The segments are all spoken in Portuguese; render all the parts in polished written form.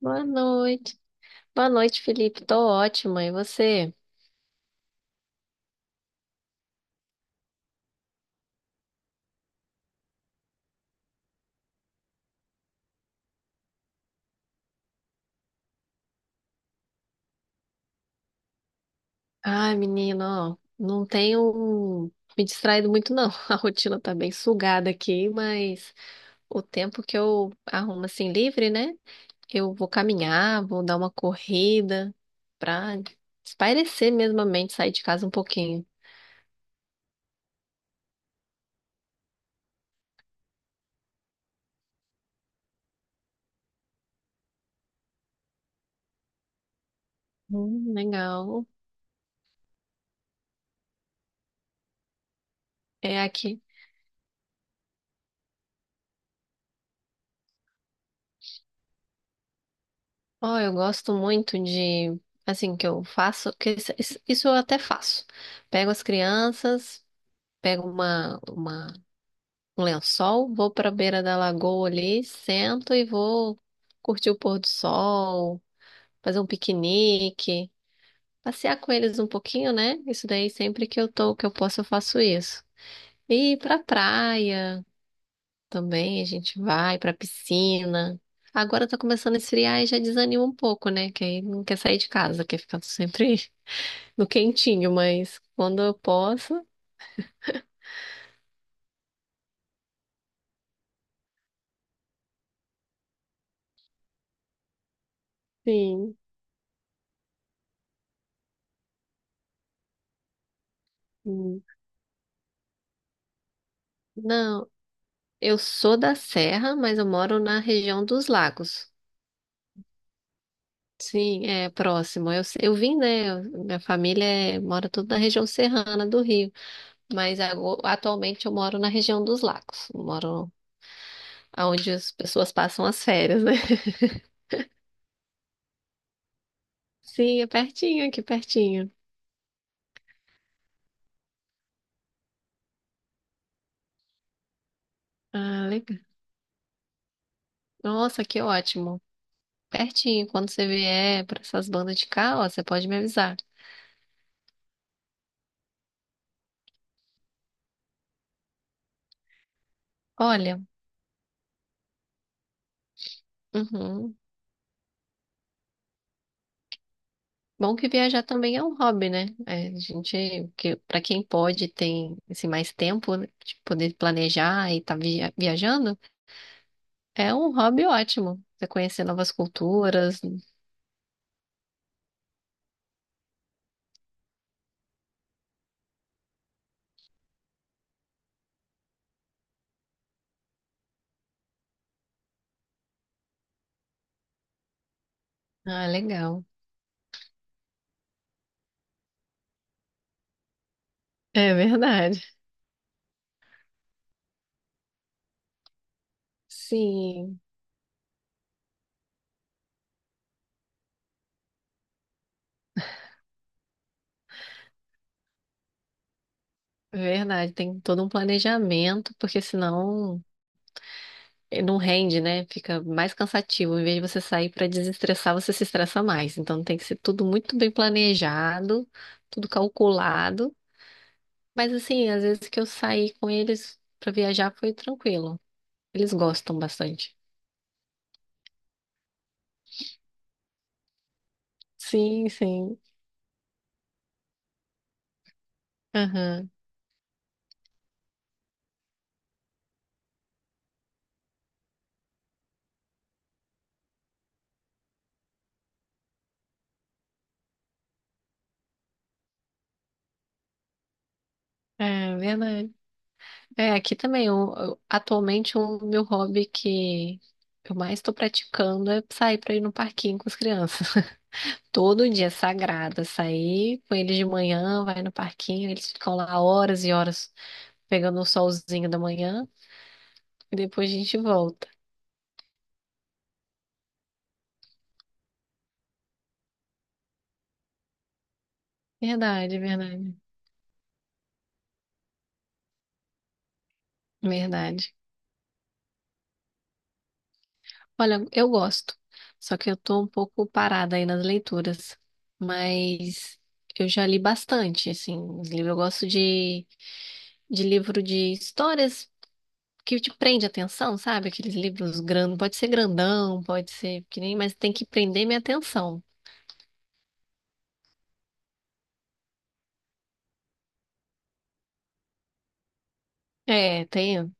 Boa noite. Boa noite, Felipe. Tô ótima. E você? Ai, menino, ó, não tenho me distraído muito, não. A rotina tá bem sugada aqui, mas o tempo que eu arrumo assim livre, né? Eu vou caminhar, vou dar uma corrida pra espairecer mesmo a mente, sair de casa um pouquinho. Legal. É aqui. Ó, eu gosto muito de, assim, que eu faço, que isso eu até faço. Pego as crianças. Pego um lençol, vou para a beira da lagoa ali, sento e vou curtir o pôr do sol, fazer um piquenique, passear com eles um pouquinho, né? Isso daí sempre que eu tô, que eu posso, eu faço isso. E ir pra praia também, a gente vai pra piscina. Agora tá começando a esfriar e já desanima um pouco, né? Que aí não quer sair de casa, quer ficar sempre no quentinho, mas quando eu posso, sim. Hum. Não. Eu sou da Serra, mas eu moro na região dos Lagos. Sim, é próximo. Eu vim, né? Minha família mora tudo na região serrana do Rio, mas atualmente eu moro na região dos Lagos. Eu moro onde as pessoas passam as férias, né? Sim, é pertinho, aqui pertinho. Ah, legal. Nossa, que ótimo. Pertinho. Quando você vier para essas bandas de cá, ó, você pode me avisar. Olha, uhum. Bom que viajar também é um hobby, né? É, a gente, que, para quem pode, tem assim, mais tempo né, de poder planejar e estar viajando, é um hobby ótimo. Você conhecer novas culturas. Ah, legal. É verdade. Sim, é verdade. Tem todo um planejamento, porque senão não rende, né? Fica mais cansativo. Em vez de você sair para desestressar, você se estressa mais. Então tem que ser tudo muito bem planejado, tudo calculado. Mas assim, às vezes que eu saí com eles pra viajar foi tranquilo. Eles gostam bastante. Sim, sim. Aham. É verdade. É, aqui também, atualmente o meu hobby que eu mais estou praticando é sair pra ir no parquinho com as crianças. Todo dia é sagrado, sair com eles de manhã, vai no parquinho, eles ficam lá horas e horas pegando o solzinho da manhã e depois a gente volta. Verdade, verdade, verdade. Olha, eu gosto, só que eu tô um pouco parada aí nas leituras, mas eu já li bastante, assim, os livros. Eu gosto de livro de histórias que te prende a atenção, sabe? Aqueles livros grandes, pode ser grandão, pode ser pequenininho, mas tem que prender minha atenção. É, tem.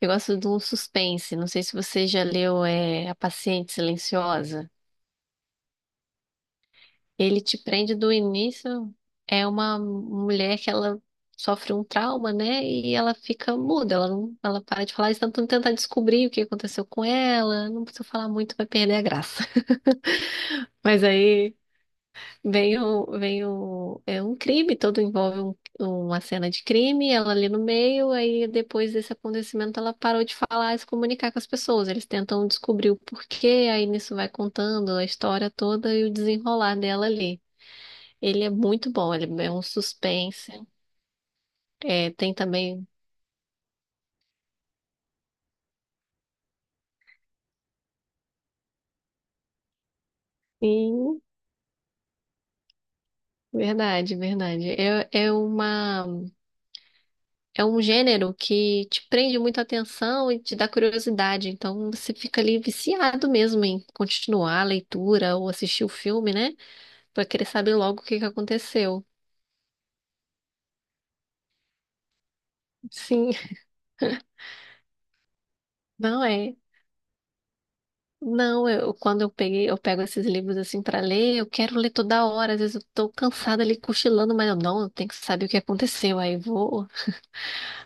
Eu gosto de um suspense, não sei se você já leu, é, A Paciente Silenciosa. Ele te prende do início. É uma mulher que ela sofre um trauma, né? E ela fica muda, ela não, ela para de falar, eles tentam tentar descobrir o que aconteceu com ela. Não precisa falar muito, vai perder a graça. Mas aí é um crime, todo envolve uma cena de crime, ela ali no meio, aí depois desse acontecimento ela parou de falar e se comunicar com as pessoas. Eles tentam descobrir o porquê, aí nisso vai contando a história toda e o desenrolar dela ali. Ele é muito bom, ele é um suspense. É, tem também. Sim, verdade, verdade. É, é um gênero que te prende muita atenção e te dá curiosidade. Então você fica ali viciado mesmo em continuar a leitura ou assistir o filme, né? Pra querer saber logo o que que aconteceu. Sim. Não é. Não, eu, quando eu peguei, eu pego esses livros assim pra ler, eu quero ler toda hora, às vezes eu tô cansada ali cochilando, mas eu não, eu tenho que saber o que aconteceu, aí vou.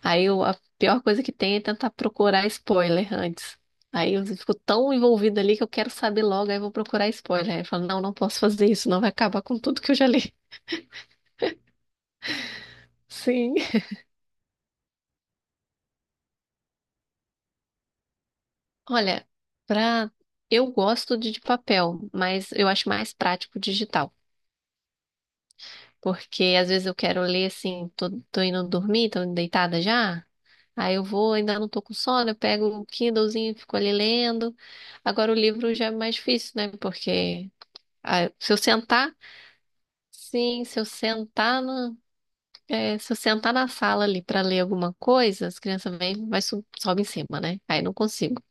Aí a pior coisa que tem é tentar procurar spoiler antes. Aí eu fico tão envolvida ali que eu quero saber logo, aí eu vou procurar spoiler. Aí eu falo, não, não posso fazer isso, não vai acabar com tudo que eu já li. Sim. Olha, pra... eu gosto de papel, mas eu acho mais prático digital. Porque às vezes eu quero ler assim, tô indo dormir, tô deitada já. Aí eu vou, ainda não tô com sono, eu pego o Kindlezinho, e fico ali lendo. Agora o livro já é mais difícil, né? Porque ah, se eu sentar. Sim, se eu sentar na, é, se eu sentar na sala ali para ler alguma coisa, as crianças vêm, sobe em cima, né? Aí não consigo.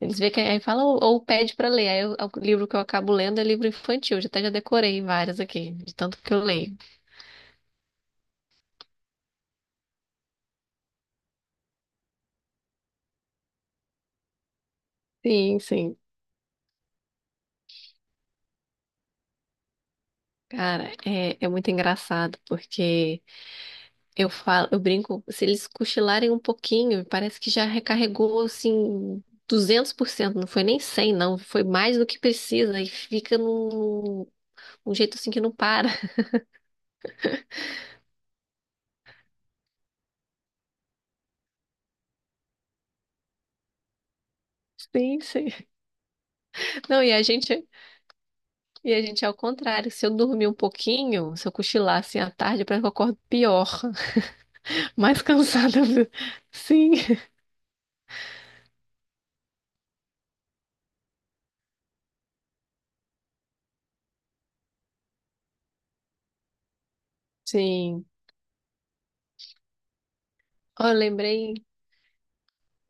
Eles veem que aí fala ou pede para ler. É o livro que eu acabo lendo é livro infantil. Já decorei várias aqui, de tanto que eu leio. Sim, sim. Cara, é muito engraçado porque eu falo, eu brinco, se eles cochilarem um pouquinho, parece que já recarregou assim 200%, não foi nem 100%, não, foi mais do que precisa e fica num um jeito assim que não para. Sim, sim. Não, e a gente é ao contrário. Se eu dormir um pouquinho, se eu cochilar assim à tarde, parece que eu acordo pior, mais cansada. Sim, sim. Ó,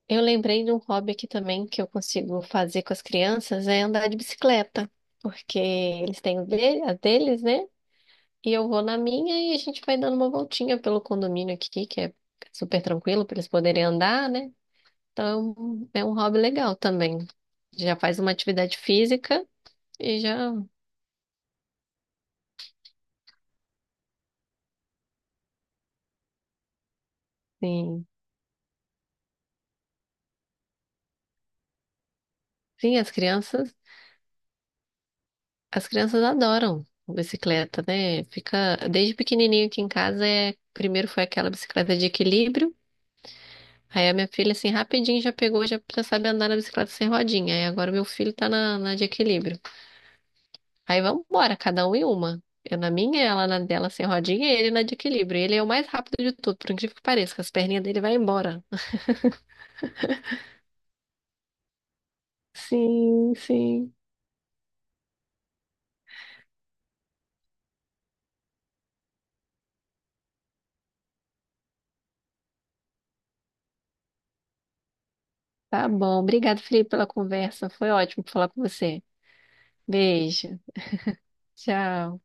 eu lembrei de um hobby aqui também que eu consigo fazer com as crianças, é andar de bicicleta, porque eles têm o dele, a deles, né? E eu vou na minha e a gente vai dando uma voltinha pelo condomínio aqui, que é super tranquilo para eles poderem andar, né? Então, é um hobby legal também. Já faz uma atividade física e já, sim. Sim, as crianças adoram bicicleta, né? Fica desde pequenininho aqui em casa é, primeiro foi aquela bicicleta de equilíbrio. Aí a minha filha assim rapidinho já pegou, já sabe andar na bicicleta sem rodinha. Aí agora meu filho tá na de equilíbrio. Aí vamos embora, cada um em uma. Eu na minha, ela na dela sem rodinha e ele na de equilíbrio. Ele é o mais rápido de tudo, por incrível que pareça, que as perninhas dele vai embora. Sim, sim. Tá bom. Obrigado, Felipe, pela conversa. Foi ótimo falar com você. Beijo. Tchau.